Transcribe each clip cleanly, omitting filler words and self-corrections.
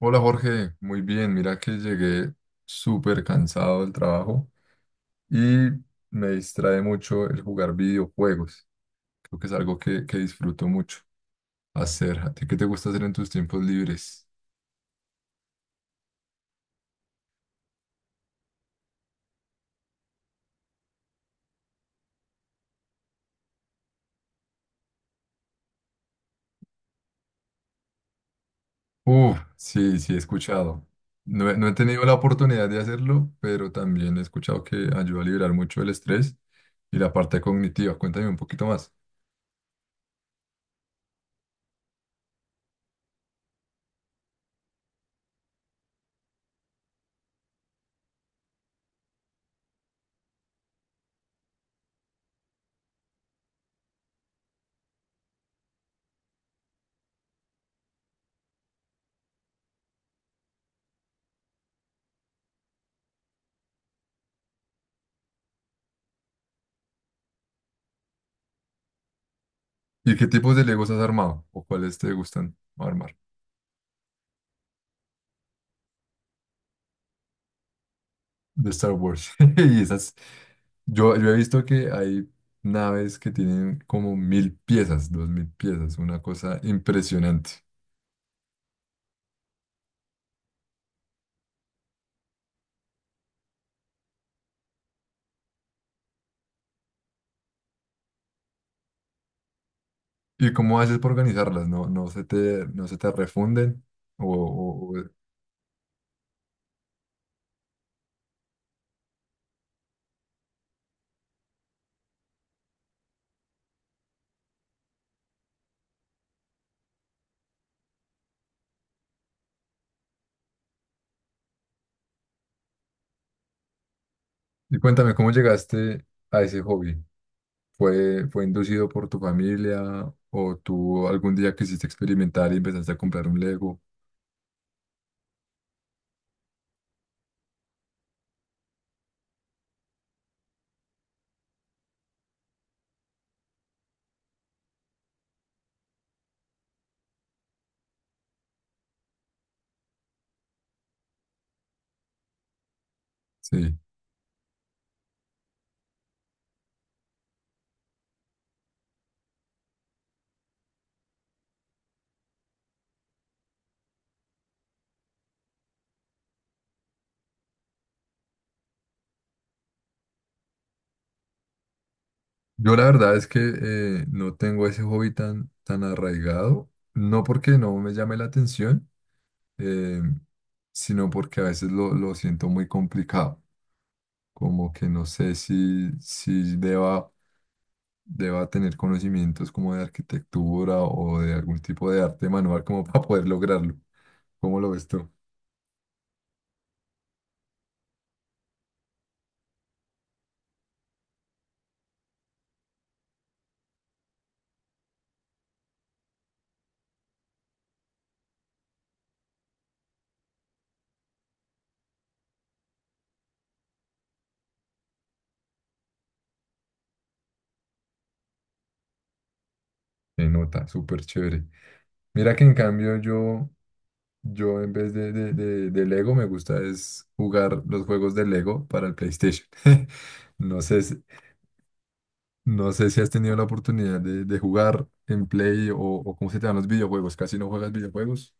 Hola Jorge, muy bien. Mira que llegué súper cansado del trabajo y me distrae mucho el jugar videojuegos. Creo que es algo que disfruto mucho hacer. ¿A ti qué te gusta hacer en tus tiempos libres? Uf, sí, he escuchado. No, he no he tenido la oportunidad de hacerlo, pero también he escuchado que ayuda a liberar mucho el estrés y la parte cognitiva. Cuéntame un poquito más. ¿Y qué tipos de Legos has armado o cuáles te gustan armar? De Star Wars. Y esas, yo he visto que hay naves que tienen como 1000 piezas, 2000 piezas, una cosa impresionante. ¿Y cómo haces para organizarlas? ¿No se te, no se te refunden? O, o- o- Y cuéntame, ¿cómo llegaste a ese hobby? ¿Fue inducido por tu familia o tú algún día quisiste experimentar y empezaste a comprar un Lego? Sí. Yo la verdad es que no tengo ese hobby tan arraigado, no porque no me llame la atención, eh, sino porque a veces lo siento muy complicado, como que no sé si deba, deba tener conocimientos como de arquitectura o de algún tipo de arte manual como para poder lograrlo. ¿Cómo lo ves tú? Se nota, súper chévere. Mira que en cambio yo yo en vez de Lego me gusta es jugar los juegos de Lego para el PlayStation. No sé, no sé si has tenido la oportunidad de jugar en Play o cómo se te dan los videojuegos. Casi no juegas videojuegos.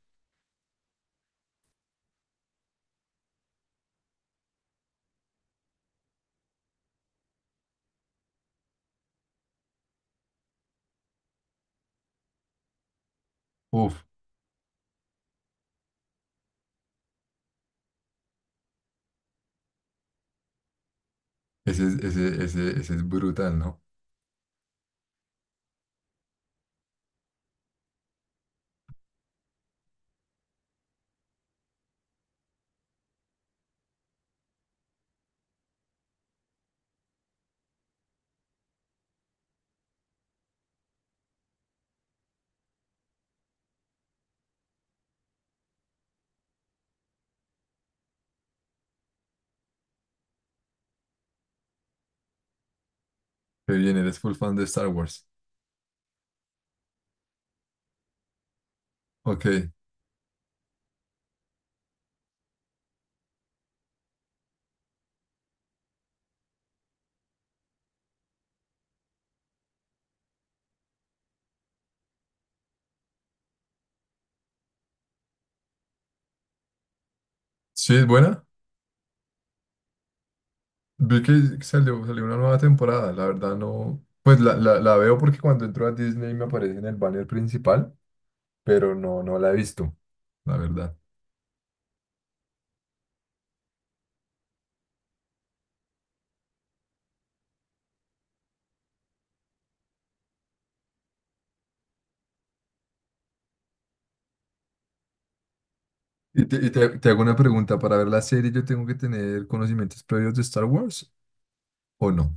Uf, ese es brutal, ¿no? Qué bien, eres full fan de Star Wars. Ok. Sí, es buena. Vi que salió una nueva temporada. La verdad no. Pues la veo porque cuando entro a Disney me aparece en el banner principal, pero no la he visto, la verdad. Y te, te hago una pregunta, ¿para ver la serie yo tengo que tener conocimientos previos de Star Wars o no?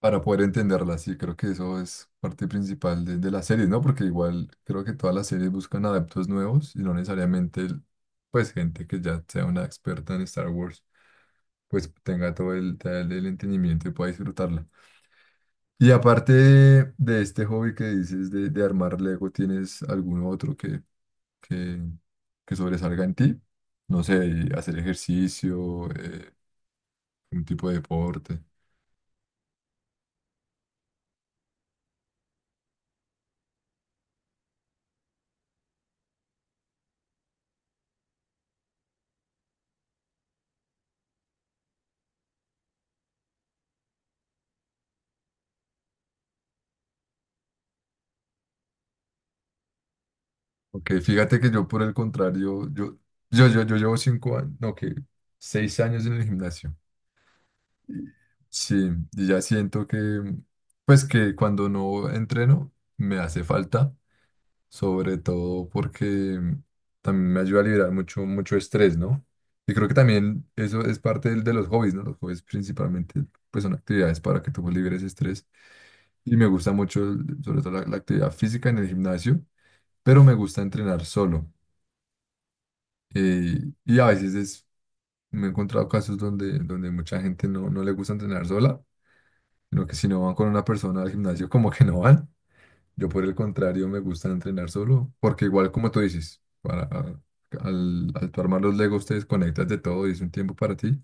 Para poder entenderla, sí, creo que eso es parte principal de las series, ¿no? Porque igual creo que todas las series buscan adeptos nuevos y no necesariamente, pues, gente que ya sea una experta en Star Wars, pues tenga todo el entendimiento y pueda disfrutarla. Y aparte de este hobby que dices de armar Lego, ¿tienes algún otro que, que sobresalga en ti? No sé, y hacer ejercicio, un tipo de deporte. Ok, fíjate que yo por el contrario, yo llevo 5 años, no, que 6 años en el gimnasio. Y- Sí, y ya siento que, pues que cuando no entreno, me hace falta. Sobre todo porque también me ayuda a liberar mucho, mucho estrés, ¿no? Y creo que también eso es parte de los hobbies, ¿no? Los hobbies principalmente pues son actividades para que tú liberes estrés y me gusta mucho sobre todo la actividad física en el gimnasio, pero me gusta entrenar solo. Eh, y a veces me he encontrado casos donde, donde mucha gente no le gusta entrenar sola, sino que si no van con una persona al gimnasio como que no van. Yo por el contrario me gusta entrenar solo, porque igual como tú dices, para, al tú armar los Legos te desconectas de todo y es un tiempo para ti.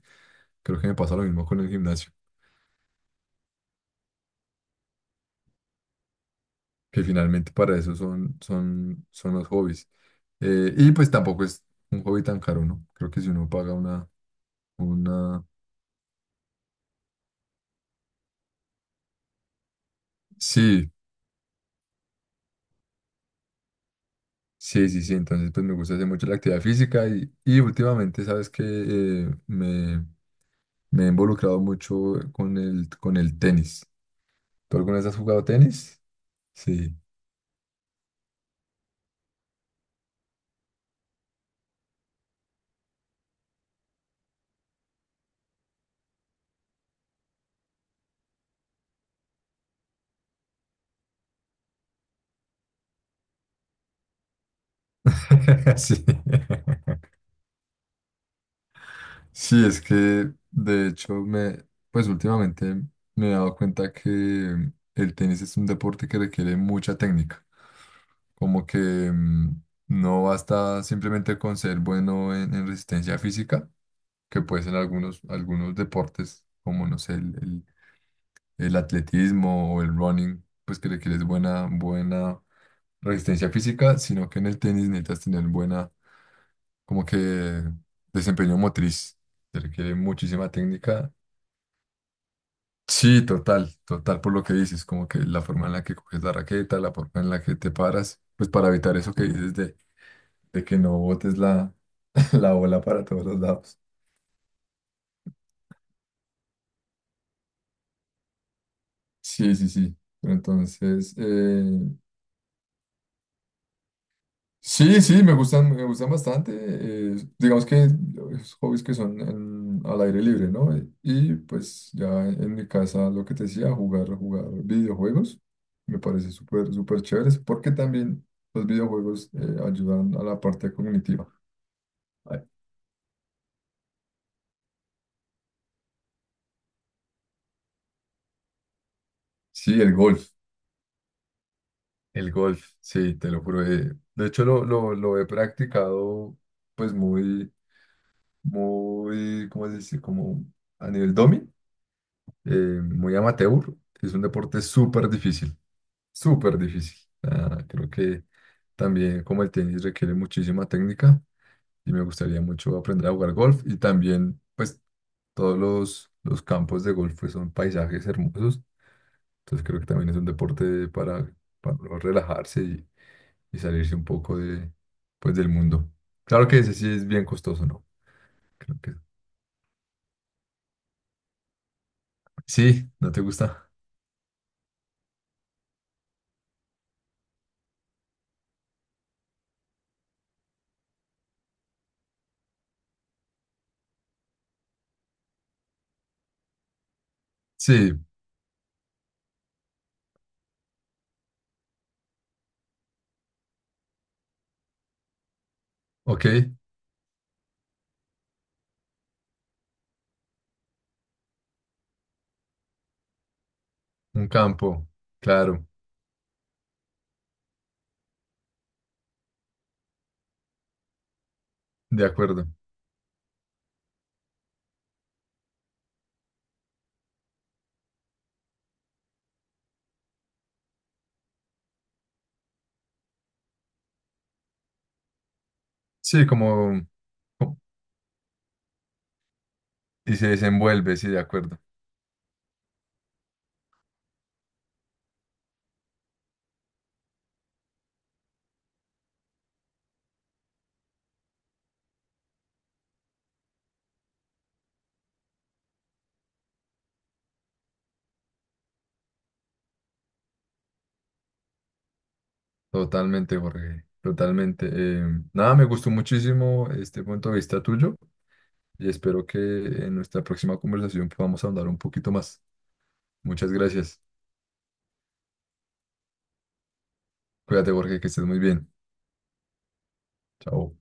Creo que me pasa lo mismo con el gimnasio, que finalmente para eso son los hobbies. Y pues tampoco es un hobby tan caro, ¿no? Creo que si uno paga una... Sí, sí, entonces pues me gusta hacer mucho la actividad física y últimamente sabes que me he involucrado mucho con el tenis. ¿Tú alguna vez has jugado tenis? Sí, sí. Sí, es que de hecho pues últimamente me he dado cuenta que el tenis es un deporte que requiere mucha técnica. Como que no basta simplemente con ser bueno en resistencia física, que puede ser algunos, algunos deportes, como no sé, el atletismo o el running, pues que requieres buena, buena resistencia física, sino que en el tenis necesitas tener buena como que desempeño motriz, se requiere muchísima técnica. Sí, total, total por lo que dices, como que la forma en la que coges la raqueta, la forma en la que te paras, pues para evitar eso que dices de que no botes la, la bola para todos los lados. Sí. Pero entonces, sí, sí, me gustan bastante. Digamos que los hobbies que son al aire libre, ¿no? Y pues ya en mi casa, lo que te decía, jugar, jugar videojuegos, me parece súper, súper chéveres, porque también los videojuegos ayudan a la parte cognitiva. Ay, sí, el golf, sí, te lo juro. De hecho, lo he practicado pues muy, muy, ¿cómo se dice? Como a nivel domi. eh, Muy amateur. Es un deporte súper difícil, súper difícil. Ah, creo que también como el tenis requiere muchísima técnica y me gustaría mucho aprender a jugar golf y también pues todos los campos de golf pues, son paisajes hermosos. Entonces creo que también es un deporte para uno relajarse y salirse un poco de, pues, del mundo. Claro que ese sí es bien costoso, ¿no? Creo que sí, ¿no te gusta? Sí, ok, un campo, claro, de acuerdo. Sí, como co- y se desenvuelve, sí, de acuerdo. Totalmente, Jorge. Totalmente. Nada, me gustó muchísimo este punto de vista tuyo y espero que en nuestra próxima conversación podamos ahondar un poquito más. Muchas gracias. Cuídate, Jorge, que estés muy bien. Chao.